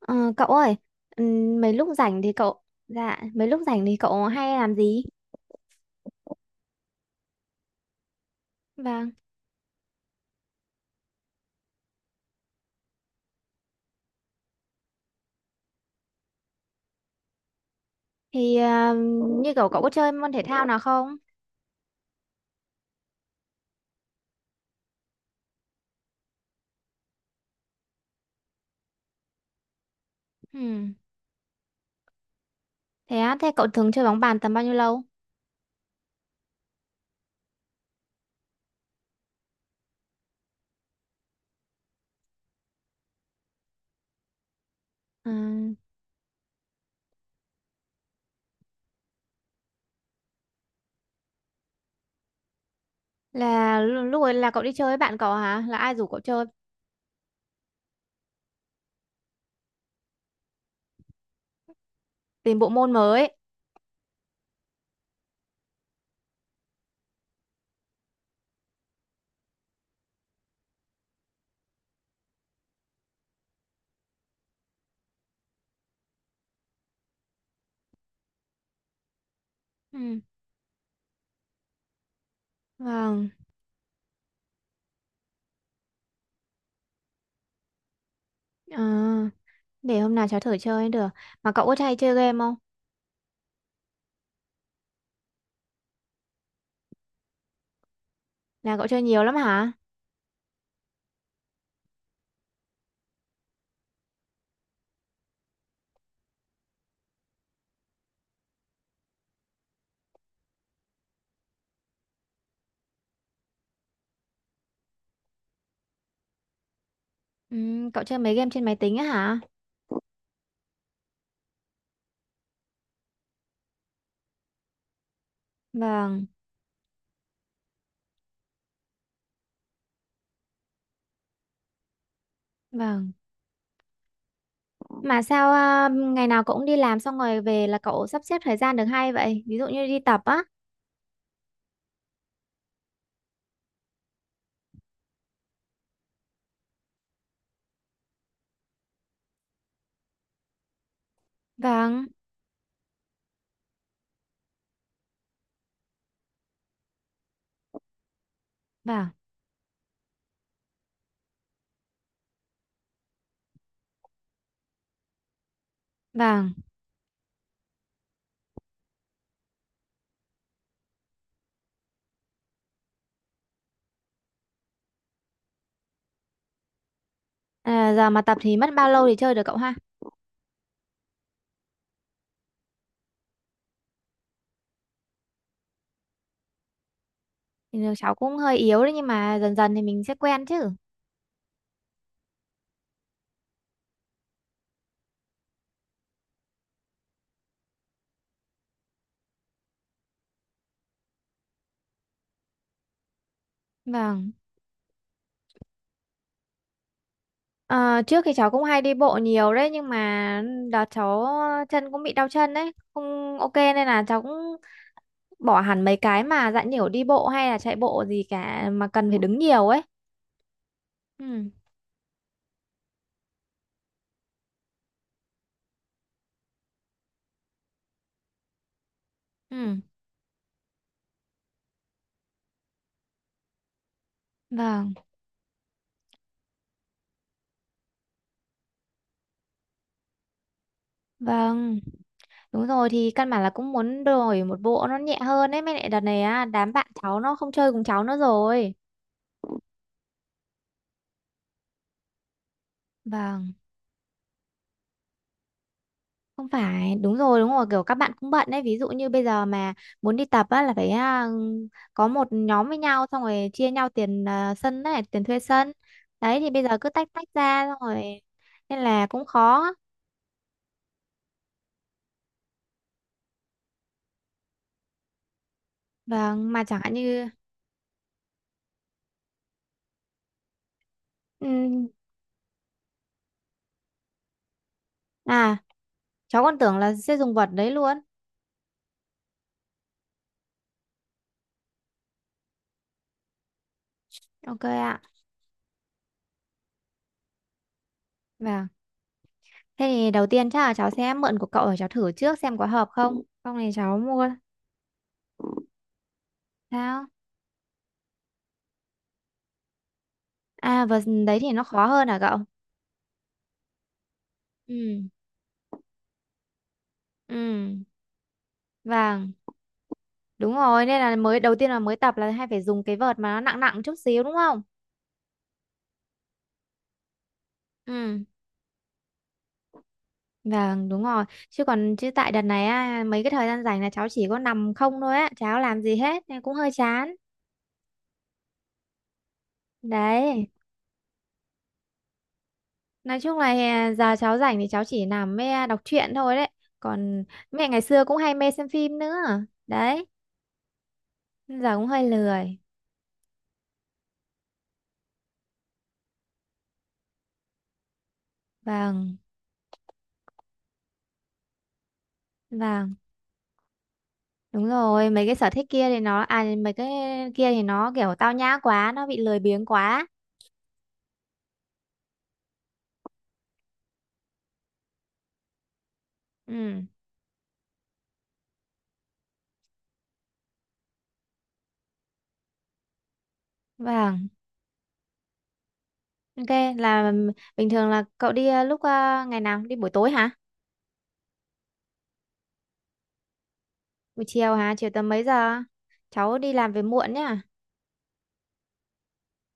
Ờ, Cậu ơi, mấy lúc rảnh thì cậu hay làm gì? Vâng, thì như cậu cậu có chơi môn thể thao nào không? Ừm, Thế á, thế cậu thường chơi bóng bàn tầm bao nhiêu lâu? Ờ, là lúc ấy là cậu đi chơi với bạn cậu hả? Là ai rủ cậu chơi tìm bộ môn mới? Ừm, Vâng, ờ, để hôm nào cháu thử chơi được. Mà cậu có hay chơi game không? Là cậu chơi nhiều lắm hả? Cậu chơi mấy game trên máy tính á hả? Vâng, vâng. Mà sao à, ngày nào cậu cũng đi làm xong rồi về là cậu sắp xếp thời gian được hay vậy? Ví dụ như đi tập á. Vâng, vâng, vâng. À, giờ mà tập thì mất bao lâu để chơi được cậu ha? Thì cháu cũng hơi yếu đấy nhưng mà dần dần thì mình sẽ quen chứ. Vâng. Ờ, Trước thì cháu cũng hay đi bộ nhiều đấy nhưng mà đợt cháu chân cũng bị đau chân đấy. Không ok nên là cháu cũng bỏ hẳn mấy cái mà dạng nhiều đi bộ hay là chạy bộ gì cả mà cần phải đứng nhiều ấy. Ừ, ừ. Vâng, vâng. Đúng rồi thì căn bản là cũng muốn đổi một bộ nó nhẹ hơn ấy. Mới lại đợt này á, đám bạn cháu nó không chơi cùng cháu nữa rồi. Vâng, không phải, đúng rồi, kiểu các bạn cũng bận đấy. Ví dụ như bây giờ mà muốn đi tập á, là phải à, có một nhóm với nhau xong rồi chia nhau tiền à, sân này, tiền thuê sân. Đấy thì bây giờ cứ tách tách ra xong rồi nên là cũng khó. Vâng, mà chẳng hạn như. ừm, À, cháu còn tưởng là sẽ dùng vật đấy luôn. Ok ạ. Vâng. Thế thì đầu tiên chắc là cháu sẽ mượn của cậu để cháu thử trước xem có hợp không. Xong này cháu mua. Sao? À và đấy thì nó khó hơn hả cậu? Ừ. Ừ. Vâng. Đúng rồi. Nên là mới đầu tiên là mới tập là hay phải dùng cái vợt mà nó nặng nặng chút xíu đúng không? Ừ. Vâng, đúng rồi. Chứ tại đợt này á, mấy cái thời gian rảnh là cháu chỉ có nằm không thôi á. Cháu làm gì hết nên cũng hơi chán. Đấy. Nói chung là giờ cháu rảnh thì cháu chỉ nằm mê đọc truyện thôi đấy. Còn mẹ ngày xưa cũng hay mê xem phim nữa. Đấy. Giờ cũng hơi lười. Vâng, vâng, đúng rồi, mấy cái sở thích kia thì nó à, mấy cái kia thì nó kiểu tao nhã quá, nó bị lười biếng quá. Ừ, vâng. Ok, là bình thường là cậu đi lúc ngày nào đi buổi tối hả? Buổi chiều hả, chiều tầm mấy giờ? Cháu đi làm về muộn nhá.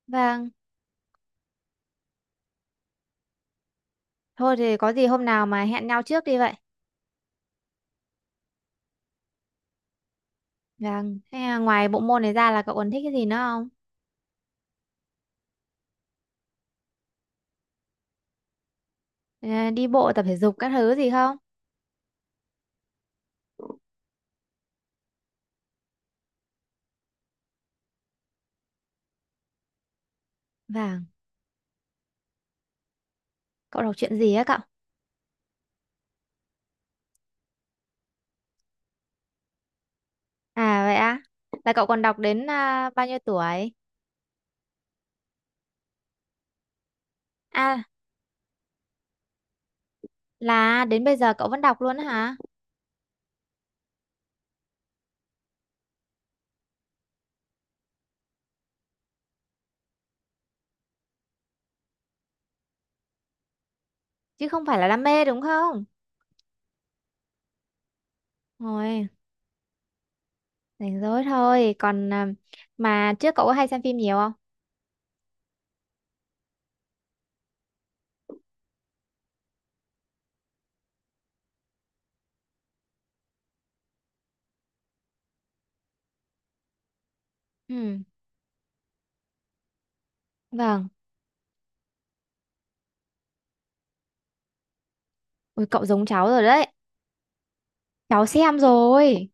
Vâng. Thôi thì có gì hôm nào mà hẹn nhau trước đi vậy. Vâng, thế à, ngoài bộ môn này ra là cậu còn thích cái gì nữa không? Ờ, Đi bộ tập thể dục các thứ gì không? Vâng, cậu đọc truyện gì á cậu? À vậy á? Là cậu còn đọc đến à, bao nhiêu tuổi? À, là đến bây giờ cậu vẫn đọc luôn á hả? Chứ không phải là đam mê đúng không? Rồi, rảnh rỗi thôi. Còn à, mà trước cậu có hay xem phim nhiều không? Ừ, vâng. Ôi cậu giống cháu rồi đấy. Cháu xem rồi.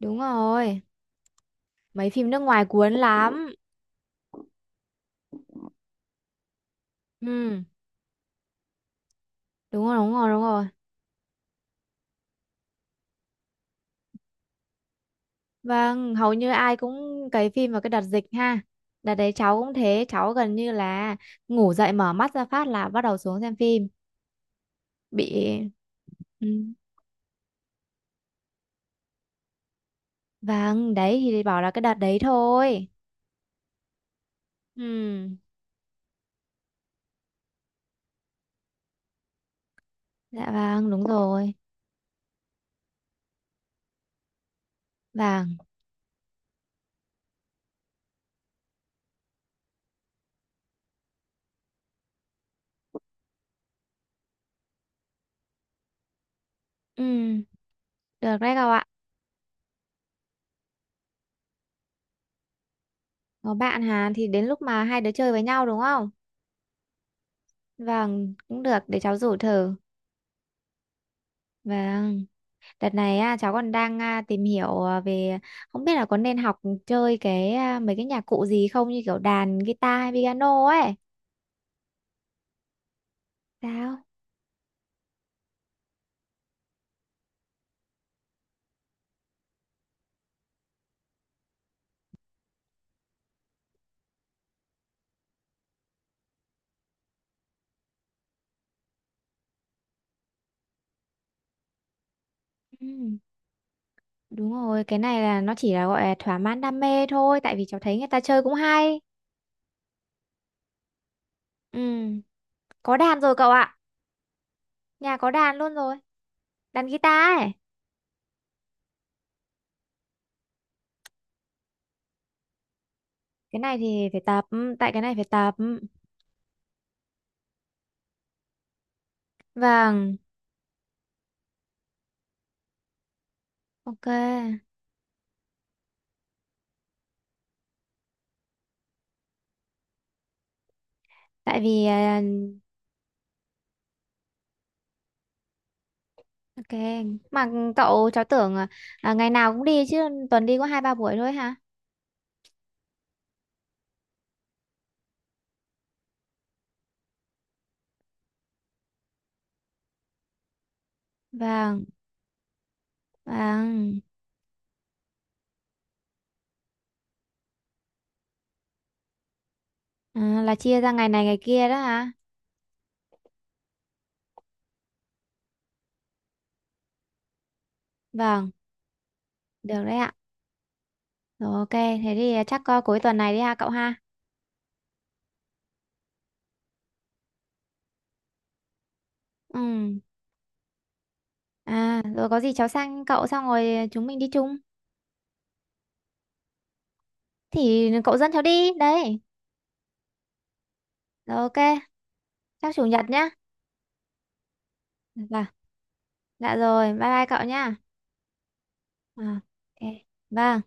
Đúng rồi. Mấy phim nước ngoài cuốn lắm. Ừ, đúng rồi, đúng rồi, đúng rồi. Vâng, hầu như ai cũng cày phim vào cái đợt dịch ha. Đợt đấy cháu cũng thế, cháu gần như là ngủ dậy mở mắt ra phát là bắt đầu xuống xem phim bị. Ừ. Vâng, đấy thì bảo là cái đợt đấy thôi. Ừ. Dạ vâng, đúng rồi. Vâng. Ừ. Được đấy cậu ạ. Có bạn Hàn thì đến lúc mà hai đứa chơi với nhau đúng không? Vâng, cũng được để cháu rủ thử. Vâng. Đợt này á, cháu còn đang à, tìm hiểu à, về không biết là có nên học chơi cái à, mấy cái nhạc cụ gì không như kiểu đàn guitar hay piano ấy. Sao? Ừ. Đúng rồi, cái này là nó chỉ là gọi là thỏa mãn đam mê thôi, tại vì cháu thấy người ta chơi cũng hay. Ừ, có đàn rồi cậu ạ. Nhà có đàn luôn rồi. Đàn guitar ấy. Cái này thì phải tập, tại cái này phải tập. Vâng, ok. Tại vì à, ok, mà cậu cháu tưởng à, ngày nào cũng đi chứ tuần đi có hai ba buổi thôi hả? Vâng, vâng. À, là chia ra ngày này ngày kia đó hả? Vâng, được đấy ạ. Rồi ok, thế thì chắc à, cuối tuần này đi ha cậu ha. Ừ. À, rồi có gì cháu sang cậu xong rồi chúng mình đi chung. Thì cậu dẫn cháu đi. Đấy. Rồi ok. Chắc chủ nhật nhá. Vâng, dạ rồi, bye bye cậu nhá. À, ok. Vâng.